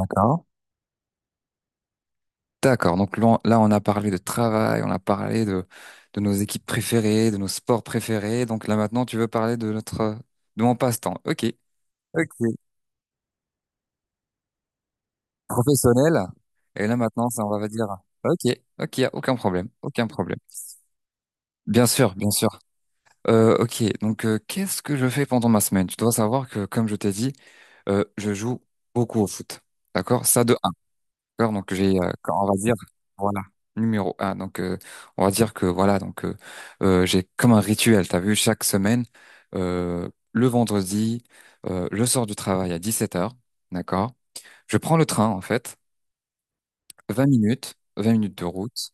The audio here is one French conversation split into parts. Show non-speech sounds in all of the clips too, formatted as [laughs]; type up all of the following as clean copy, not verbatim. D'accord. D'accord. Donc là, on là, on a parlé de travail, on a parlé de nos équipes préférées, de nos sports préférés. Donc là, maintenant, tu veux parler de notre, de mon passe-temps. OK. Ok. Professionnel. Et là, maintenant, ça, on va dire, OK, OK, y a aucun problème, aucun problème. Bien sûr, bien sûr. OK. Donc, qu'est-ce que je fais pendant ma semaine? Tu dois savoir que, comme je t'ai dit, je joue beaucoup au foot. D'accord? Ça, de D'accord, donc on va dire, voilà, numéro un. Donc, on va dire que voilà, donc j'ai comme un rituel. T'as vu, chaque semaine, le vendredi, je sors du travail à 17h, d'accord. Je prends le train en fait, 20 minutes, 20 minutes de route.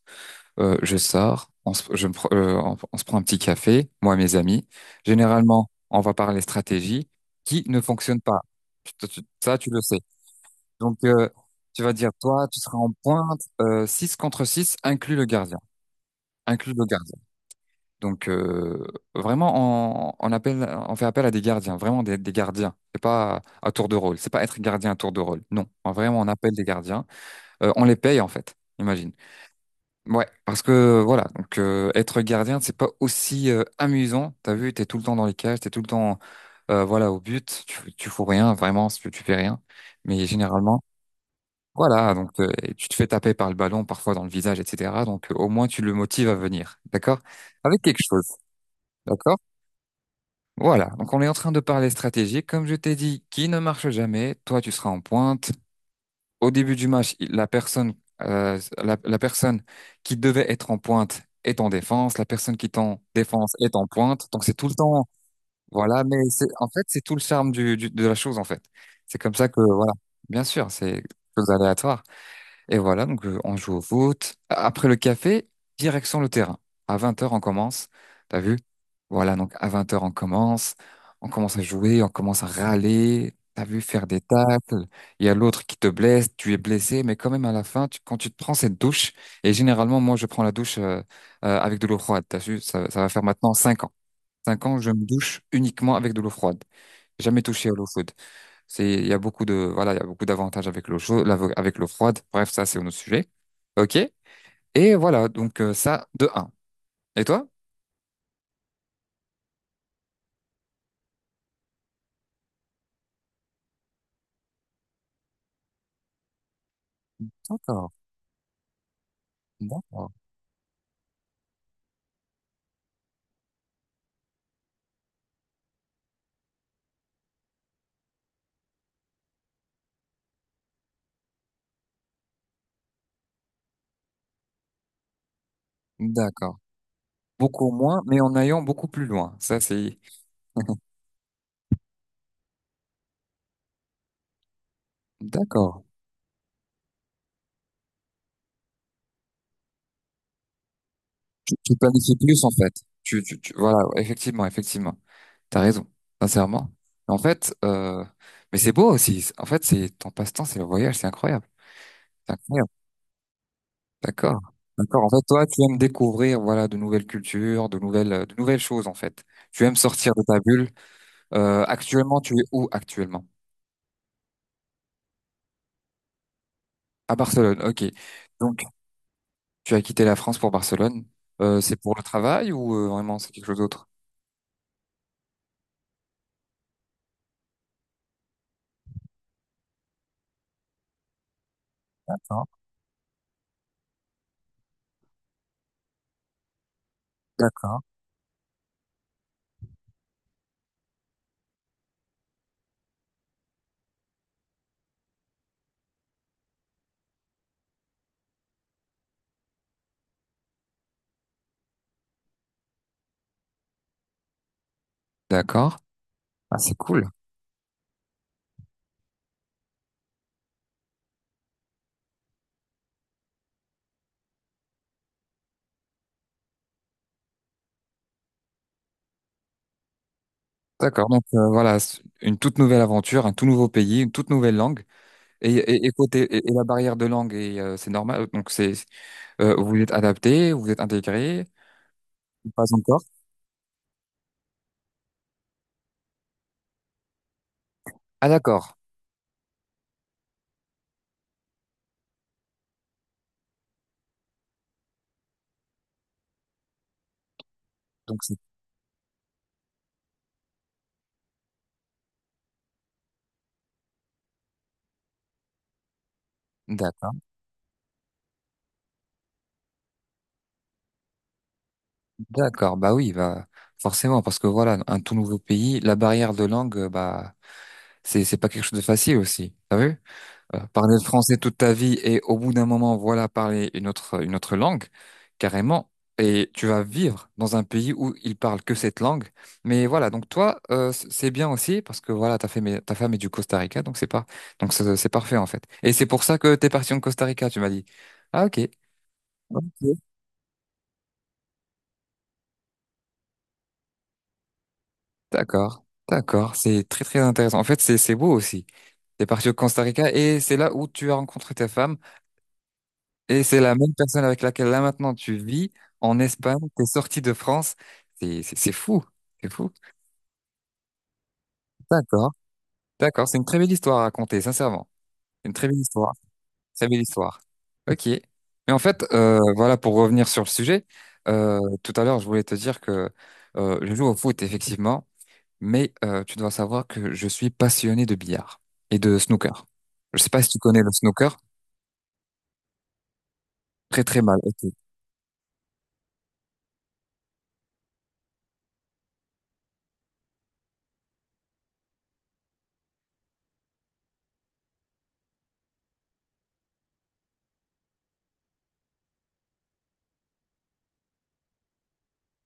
Je sors, on se, je me pr- on se prend un petit café, moi et mes amis. Généralement, on va parler stratégie qui ne fonctionne pas. Ça, tu le sais. Donc, tu vas dire, toi, tu seras en pointe, 6 contre 6, inclus le gardien. Inclus le gardien. Donc, vraiment, on appelle, on fait appel à des gardiens, vraiment des gardiens. C'est pas à tour de rôle. C'est pas être gardien à tour de rôle. Non. Vraiment, on appelle des gardiens. On les paye, en fait. Imagine. Ouais, parce que voilà, donc être gardien, c'est pas aussi amusant. T'as vu, t'es tout le temps dans les cages, t'es tout le temps, voilà, au but. Tu fous rien, vraiment, tu fais rien. Mais généralement, voilà, donc et tu te fais taper par le ballon parfois dans le visage, etc. Donc au moins tu le motives à venir, d'accord? Avec quelque chose, d'accord? Voilà, donc on est en train de parler stratégie. Comme je t'ai dit, qui ne marche jamais, toi tu seras en pointe. Au début du match, la personne, la personne qui devait être en pointe est en défense, la personne qui est en défense est en pointe. Donc c'est tout le temps, voilà. Mais c'est en fait, c'est tout le charme du, de la chose en fait. C'est comme ça que voilà, bien sûr, c'est quelque chose aléatoire. Et voilà, donc on joue au foot. Après le café, direction le terrain. À 20 heures, on commence. T'as vu? Voilà, donc à 20 heures, on commence. On commence à jouer, on commence à râler. T'as vu faire des tacles. Il y a l'autre qui te blesse, tu es blessé, mais quand même à la fin, quand tu te prends cette douche, et généralement, moi, je prends la douche avec de l'eau froide. T'as vu? Ça va faire maintenant 5 ans. 5 ans, je me douche uniquement avec de l'eau froide. Jamais touché à l'eau chaude. Il y a beaucoup de, voilà, il y a beaucoup d'avantages avec l'eau chaude, avec l'eau froide. Bref, ça, c'est un autre sujet. OK? Et voilà, donc ça, de un. Et toi? D'accord, d'accord, d'accord. Beaucoup moins, mais en allant beaucoup plus loin. Ça, c'est... [laughs] D'accord. Tu planifies plus, en fait. Voilà, ouais, effectivement, effectivement. T'as raison, sincèrement. En fait, mais c'est beau aussi. En fait, c'est ton passe-temps, c'est le voyage, c'est incroyable. C'est incroyable. D'accord. D'accord. En fait, toi, tu aimes découvrir, voilà, de nouvelles cultures, de nouvelles choses, en fait. Tu aimes sortir de ta bulle. Actuellement, tu es où actuellement? À Barcelone. Ok. Donc, tu as quitté la France pour Barcelone. C'est pour le travail ou vraiment c'est quelque chose d'autre? D'accord. D'accord. D'accord. Ah, c'est cool. D'accord. Donc voilà, c'est une toute nouvelle aventure, un tout nouveau pays, une toute nouvelle langue. Et côté et la barrière de langue, c'est normal. Donc c'est vous êtes adapté, vous êtes intégré. Pas encore. Ah d'accord. Donc c'est d'accord, d'accord. Bah oui, bah forcément, parce que voilà, un tout nouveau pays, la barrière de langue, bah c'est pas quelque chose de facile aussi. T'as vu? Parler le français toute ta vie et au bout d'un moment, voilà, parler une autre langue, carrément. Et tu vas vivre dans un pays où ils parlent que cette langue. Mais voilà, donc toi, c'est bien aussi parce que voilà, ta femme est du Costa Rica, donc c'est pas donc c'est parfait en fait. Et c'est pour ça que t'es parti en Costa Rica, tu m'as dit. Ah ok. Ok. D'accord, d'accord, c'est très très intéressant. En fait, c'est beau aussi. T'es parti au Costa Rica et c'est là où tu as rencontré ta femme et c'est la même personne avec laquelle là maintenant tu vis en Espagne. T'es sorti de France, c'est fou, c'est fou. D'accord, d'accord, c'est une très belle histoire à raconter, sincèrement. Une très belle histoire, très belle histoire. Ok. Mais en fait, voilà, pour revenir sur le sujet, tout à l'heure, je voulais te dire que je joue au foot effectivement. Mais tu dois savoir que je suis passionné de billard et de snooker. Je sais pas si tu connais le snooker. Très très mal. Ok.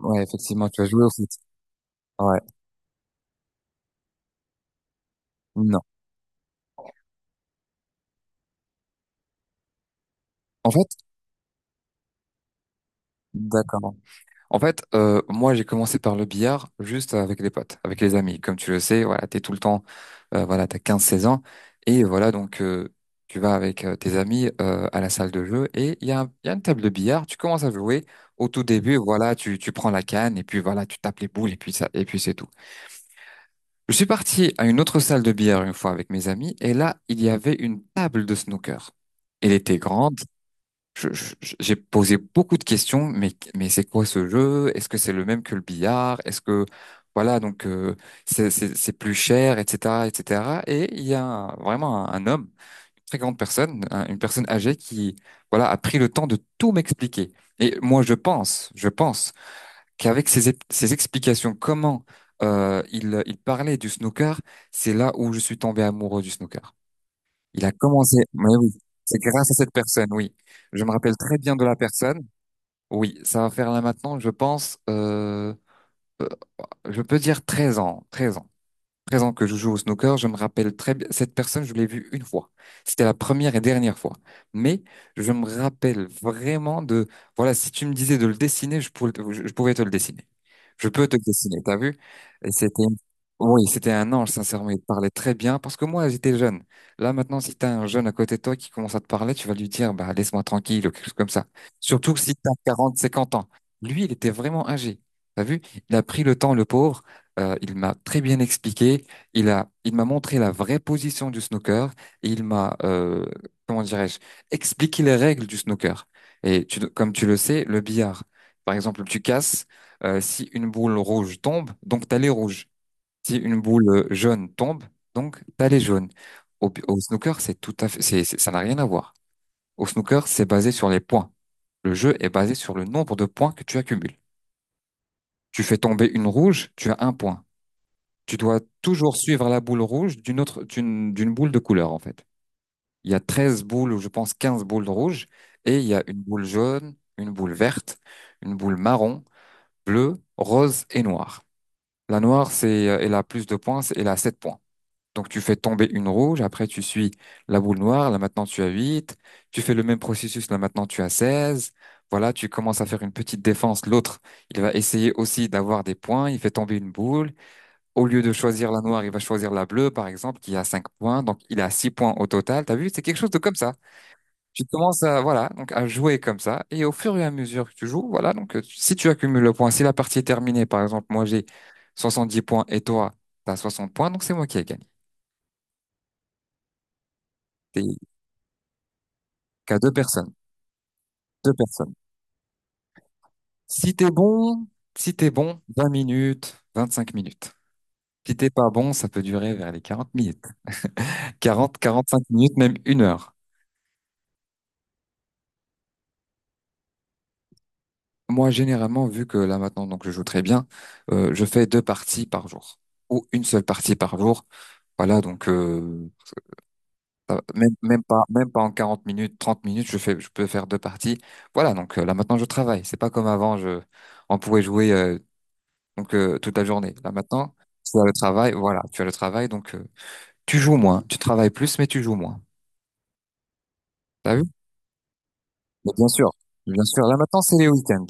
Ouais, effectivement, tu as joué au foot. Ouais. Non. En fait, d'accord. En fait, moi j'ai commencé par le billard juste avec les potes, avec les amis. Comme tu le sais, voilà, t'es tout le temps, voilà, t'as 15 16 ans et voilà donc tu vas avec tes amis à la salle de jeu et il y a, il y a une table de billard. Tu commences à jouer. Au tout début, voilà, tu prends la canne et puis voilà, tu tapes les boules et puis ça et puis c'est tout. Je suis parti à une autre salle de billard une fois avec mes amis, et là, il y avait une table de snooker. Elle était grande. J'ai posé beaucoup de questions, mais c'est quoi ce jeu? Est-ce que c'est le même que le billard? Est-ce que, voilà, donc, c'est plus cher, etc., etc. Et cetera. Et il y a vraiment un homme, une très grande personne, une personne âgée qui, voilà, a pris le temps de tout m'expliquer. Et moi, je pense qu'avec ses explications, comment il parlait du snooker, c'est là où je suis tombé amoureux du snooker. Il a commencé, mais oui, c'est grâce à cette personne, oui. Je me rappelle très bien de la personne. Oui, ça va faire là maintenant, je pense, euh, je peux dire 13 ans, 13 ans présent que je joue au snooker, je me rappelle très bien, cette personne, je l'ai vue une fois. C'était la première et dernière fois. Mais je me rappelle vraiment de, voilà, si tu me disais de le dessiner, je pouvais te le dessiner. Je peux te le dessiner, t'as vu? Et c'était, oui, c'était un ange, sincèrement, il te parlait très bien parce que moi, j'étais jeune. Là, maintenant, si t'as un jeune à côté de toi qui commence à te parler, tu vas lui dire, bah, laisse-moi tranquille ou quelque chose comme ça. Surtout si t'as 40, 50 ans. Lui, il était vraiment âgé. T'as vu? Il a pris le temps, le pauvre. Il m'a très bien expliqué. Il m'a montré la vraie position du snooker et il m'a, comment dirais-je, expliqué les règles du snooker. Et tu, comme tu le sais, le billard, par exemple, tu casses. Si une boule rouge tombe, donc t'as les rouges. Si une boule jaune tombe, donc t'as les jaunes. Au snooker, c'est tout à fait, ça n'a rien à voir. Au snooker, c'est basé sur les points. Le jeu est basé sur le nombre de points que tu accumules. Tu fais tomber une rouge, tu as un point. Tu dois toujours suivre la boule rouge d'une autre, d'une boule de couleur, en fait. Il y a 13 boules, ou je pense 15 boules rouges, et il y a une boule jaune, une boule verte, une boule marron, bleue, rose et noire. La noire, elle a plus de points, elle a 7 points. Donc tu fais tomber une rouge, après tu suis la boule noire, là maintenant tu as 8, tu fais le même processus, là maintenant tu as 16. Voilà, tu commences à faire une petite défense. L'autre, il va essayer aussi d'avoir des points, il fait tomber une boule. Au lieu de choisir la noire, il va choisir la bleue, par exemple, qui a 5 points. Donc, il a 6 points au total. T'as vu? C'est quelque chose de comme ça. Tu commences à, voilà, donc à jouer comme ça. Et au fur et à mesure que tu joues, voilà, donc si tu accumules le point, si la partie est terminée, par exemple, moi j'ai 70 points et toi, t'as 60 points, donc c'est moi qui ai gagné. T'es qu'à deux personnes. Deux personnes. Si t'es bon, si t'es bon, 20 minutes, 25 minutes. Si t'es pas bon, ça peut durer vers les 40 minutes. 40, 45 minutes, même une heure. Moi, généralement, vu que là maintenant, donc je joue très bien, je fais deux parties par jour ou une seule partie par jour. Voilà, donc ça va. Même pas en 40 minutes, 30 minutes, je peux faire deux parties. Voilà, donc là maintenant je travaille. C'est pas comme avant, je on pouvait jouer toute la journée. Là maintenant, tu as le travail, voilà, tu as le travail, donc tu joues moins, tu travailles plus, mais tu joues moins. T'as vu? Mais bien sûr, bien sûr. Là maintenant, c'est les week-ends.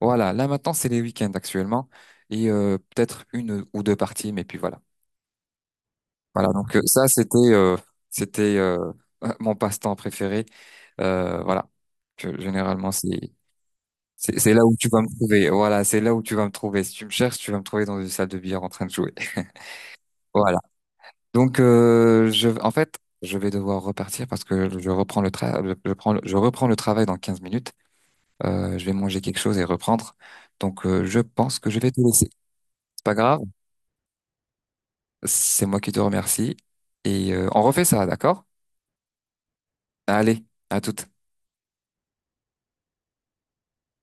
Voilà, là maintenant c'est les week-ends actuellement et peut-être une ou deux parties, mais puis voilà. Voilà, donc ça c'était c'était [laughs] mon passe-temps préféré. Voilà, généralement c'est là où tu vas me trouver. Voilà, c'est là où tu vas me trouver. Si tu me cherches, tu vas me trouver dans une salle de billard en train de jouer. [laughs] Voilà. Donc je en fait je vais devoir repartir parce que je prends le- je reprends le travail dans 15 minutes. Je vais manger quelque chose et reprendre. Donc je pense que je vais te laisser. C'est pas grave. C'est moi qui te remercie. Et on refait ça, d'accord? Allez, à toute.